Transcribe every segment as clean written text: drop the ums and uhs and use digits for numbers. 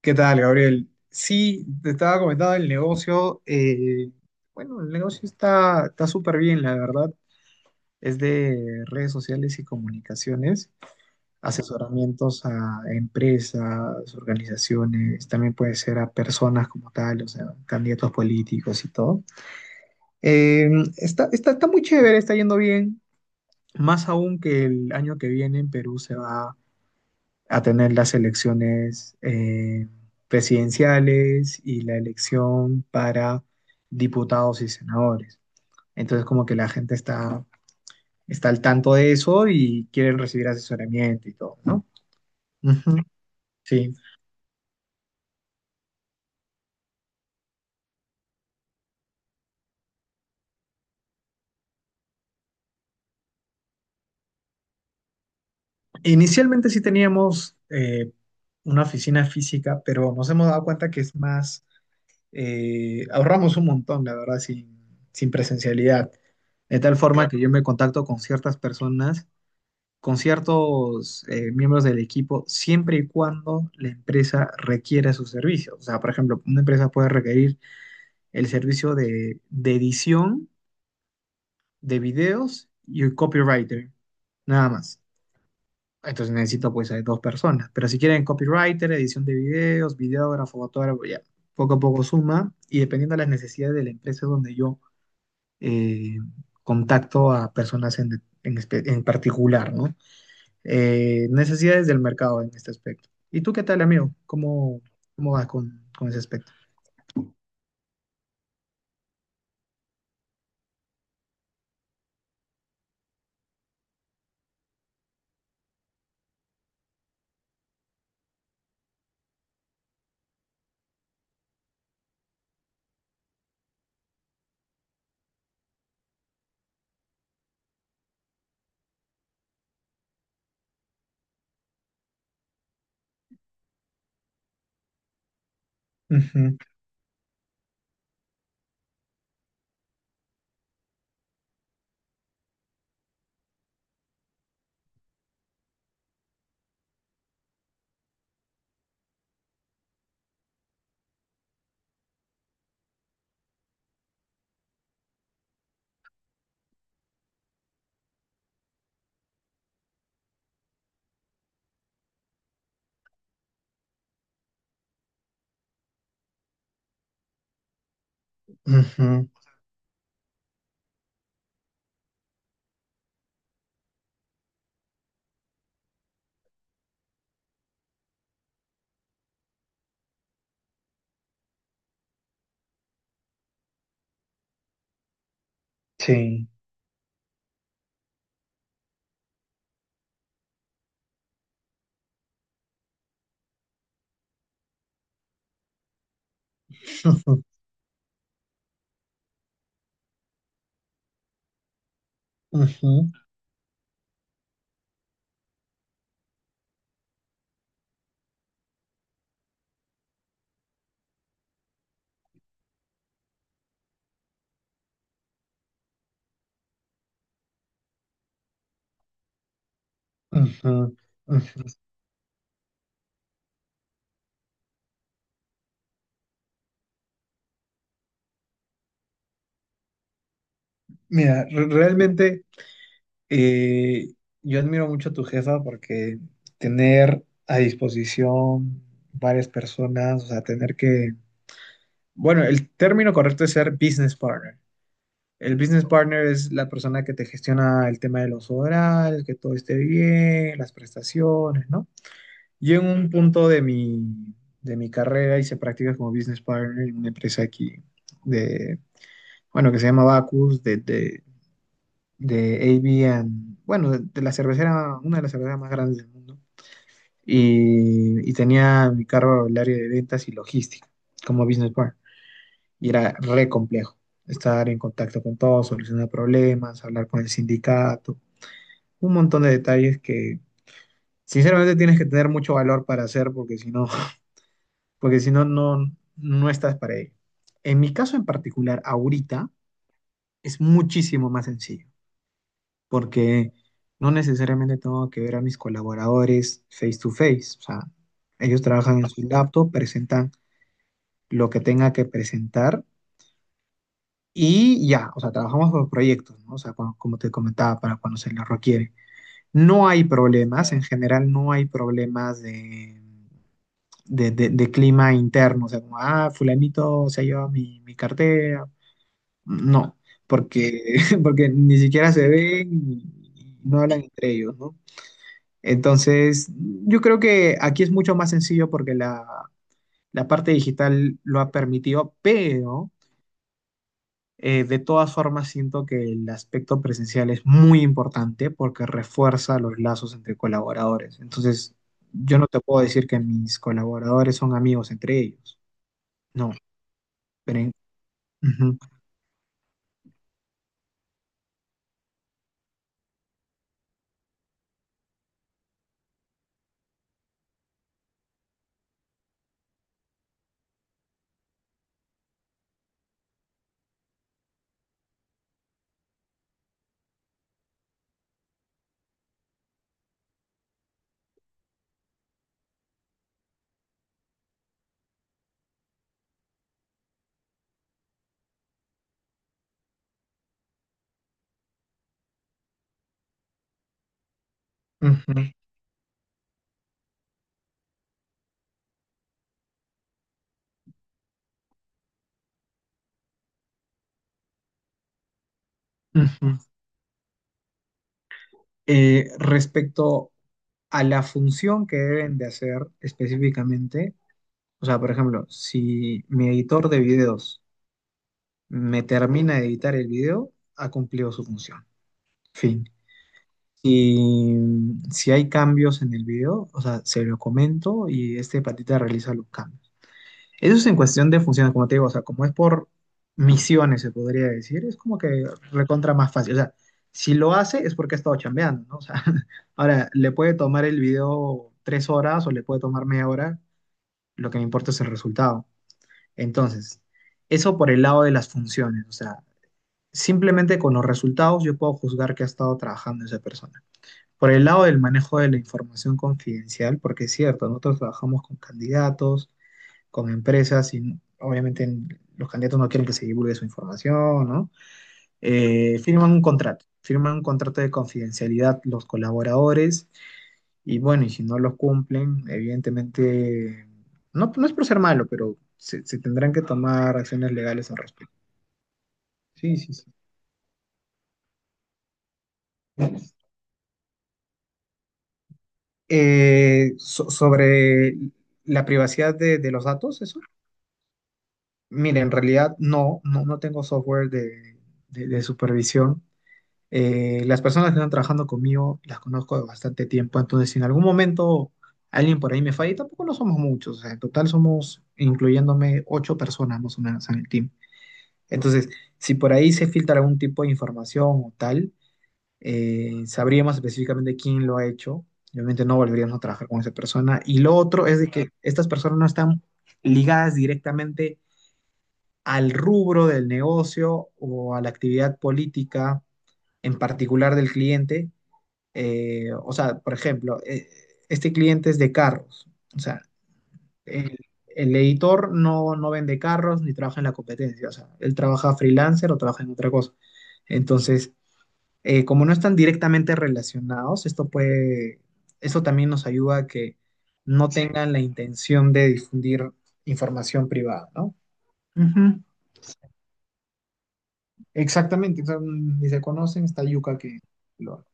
¿Qué tal, Gabriel? Sí, te estaba comentando el negocio. Bueno, el negocio está súper bien, la verdad. Es de redes sociales y comunicaciones, asesoramientos a empresas, organizaciones, también puede ser a personas como tal, o sea, candidatos políticos y todo. Eh, está muy chévere, está yendo bien, más aún que el año que viene en Perú se va a tener las elecciones presidenciales y la elección para diputados y senadores. Entonces, como que está al tanto de eso y quieren recibir asesoramiento y todo, ¿no? Ujú, sí. Inicialmente sí teníamos una oficina física, pero nos hemos dado cuenta que es más, ahorramos un montón, la verdad, sin presencialidad. De tal forma Claro. que yo me contacto con ciertas personas con ciertos miembros del equipo siempre y cuando la empresa requiera sus servicios. O sea, por ejemplo, una empresa puede requerir el servicio de edición de videos y un copywriter, nada más. Entonces necesito pues a dos personas. Pero si quieren copywriter, edición de videos, videógrafo, fotógrafo, ya poco a poco suma y dependiendo de las necesidades de la empresa es donde yo eh, contacto a personas en particular, ¿no? Necesidades del mercado en este aspecto. ¿Y tú qué tal, amigo? Cómo vas con ese aspecto? Ujú, ujú, sí. Ujú, ujú, ujú. Ujú. Mira, realmente eh, yo admiro mucho a tu jefa porque tener a disposición varias personas, o sea, bueno, el término correcto es ser business partner. El business partner es la persona que te gestiona el tema de los horarios, que todo esté bien, las prestaciones, ¿no? Yo en un punto de mi carrera hice prácticas como business partner en una empresa aquí de, bueno, que se llama Bacus, de AB, bueno, de la cervecera, una de las cerveceras más grandes del mundo. Y tenía mi cargo el área de ventas y logística como business partner y era re complejo estar en contacto con todos, solucionar problemas, hablar con el sindicato, un montón de detalles que sinceramente tienes que tener mucho valor para hacer porque si no, porque si no, no, no estás para ello. En mi caso en particular, ahorita es muchísimo más sencillo porque no necesariamente tengo que ver a mis colaboradores face to face, o sea, ellos trabajan en su laptop, presentan lo que tenga que presentar. Y ya, o sea, trabajamos por proyectos, ¿no? O sea, como te comentaba, para cuando se lo requiere. No hay problemas, en general no hay problemas de clima interno, o sea, como, ah, fulanito se ha llevado mi cartera. No, porque, porque ni siquiera se ven y no hablan entre ellos, ¿no? Entonces, yo creo que aquí es mucho más sencillo porque la parte digital lo ha permitido, pero... de todas formas, siento que el aspecto presencial es muy importante porque refuerza los lazos entre colaboradores. Entonces, yo no te puedo decir que mis colaboradores son amigos entre ellos. No, pero... en- Ujú, ujú, ujú. Respecto a la función que deben de hacer específicamente, o sea, por ejemplo, si mi editor de videos me termina de editar el video, ha cumplido su función. Fin. Si, si hay cambios en el video, o sea, se lo comento y este patita realiza los cambios. Eso es en cuestión de funciones, como te digo, o sea, como es por misiones, se podría decir, es como que recontra más fácil. O sea, si lo hace es porque ha estado chambeando, ¿no? O sea, ahora, le puede tomar el video tres horas o le puede tomar media hora, lo que me importa es el resultado. Entonces, eso por el lado de las funciones, o sea, simplemente con los resultados yo puedo juzgar que ha estado trabajando esa persona. Por el lado del manejo de la información confidencial, porque es cierto, nosotros trabajamos con candidatos, con empresas, y obviamente en- los candidatos no quieren que se divulgue su información, ¿no? Firman un contrato de confidencialidad los colaboradores, y bueno, y si no los cumplen, evidentemente, no es por ser malo, se tendrán que tomar acciones legales al respecto. Sí, sí, sí. Sobre la privacidad de los datos, mire, en realidad no tengo software de supervisión. Las personas que están trabajando conmigo las conozco de bastante tiempo, entonces si en algún momento alguien por ahí me falla, y tampoco no somos muchos, o sea, en total somos, incluyéndome, ocho personas más o menos en el team. Entonces, si por ahí se filtra algún tipo de información o tal, sabríamos específicamente quién lo ha hecho. Y obviamente no volveríamos a trabajar con esa persona. Y lo otro es de que estas personas no están ligadas directamente al rubro del negocio o a la actividad política en particular del cliente. O sea, por ejemplo, este cliente es de carros. O sea, el, el editor no vende carros ni trabaja en la competencia. O sea, él trabaja freelancer o trabaja en otra cosa. Entonces, como no están directamente relacionados, eso también nos ayuda a que no tengan la intención de difundir información privada, ¿no? Ujú. Exactamente, o sea, ni se conocen, está yuca que lo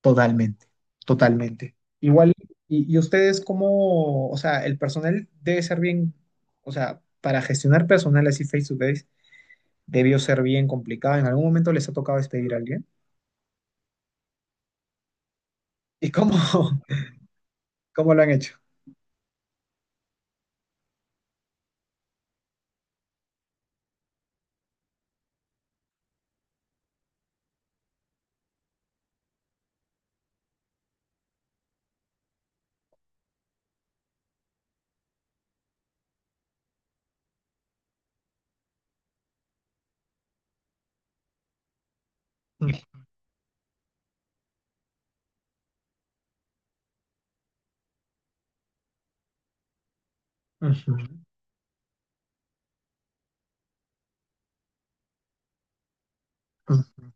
totalmente, totalmente. Igual, y ustedes cómo, o sea, el personal debe ser bien, o sea, para gestionar personal así face to face, debió ser bien complicado. ¿En algún momento les ha tocado despedir a alguien? ¿Y cómo, cómo lo han hecho? Ujú, ujú,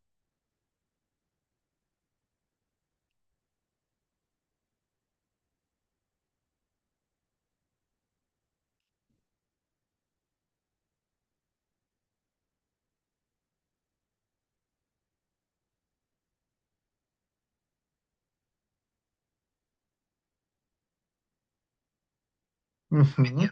ujú.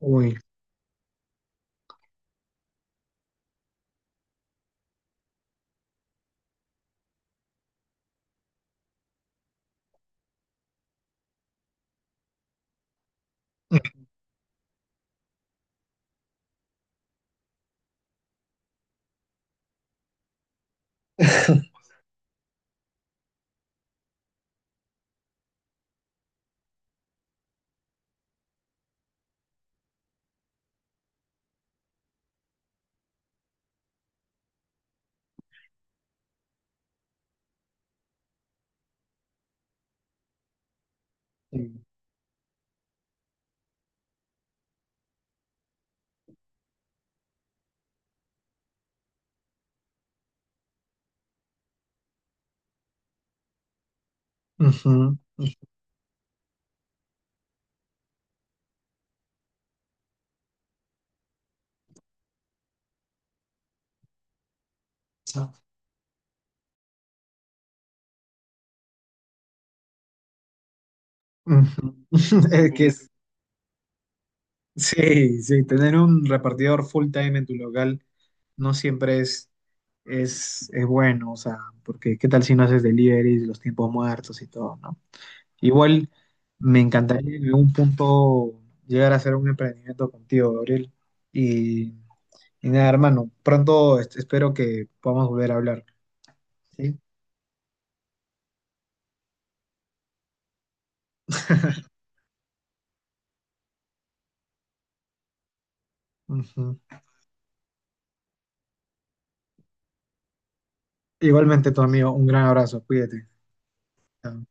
Uy. Ujú, ujú. Es que es sí, sí, tener un repartidor full time en tu local no siempre es bueno, o sea, porque qué tal si no haces deliveries, los tiempos muertos y todo, ¿no? Igual me encantaría en algún punto llegar a hacer un emprendimiento contigo, Gabriel. Y, y nada, hermano, pronto espero que podamos volver a hablar, ¿sí? Ujú. Igualmente, tu amigo, un gran abrazo, cuídate. Chao.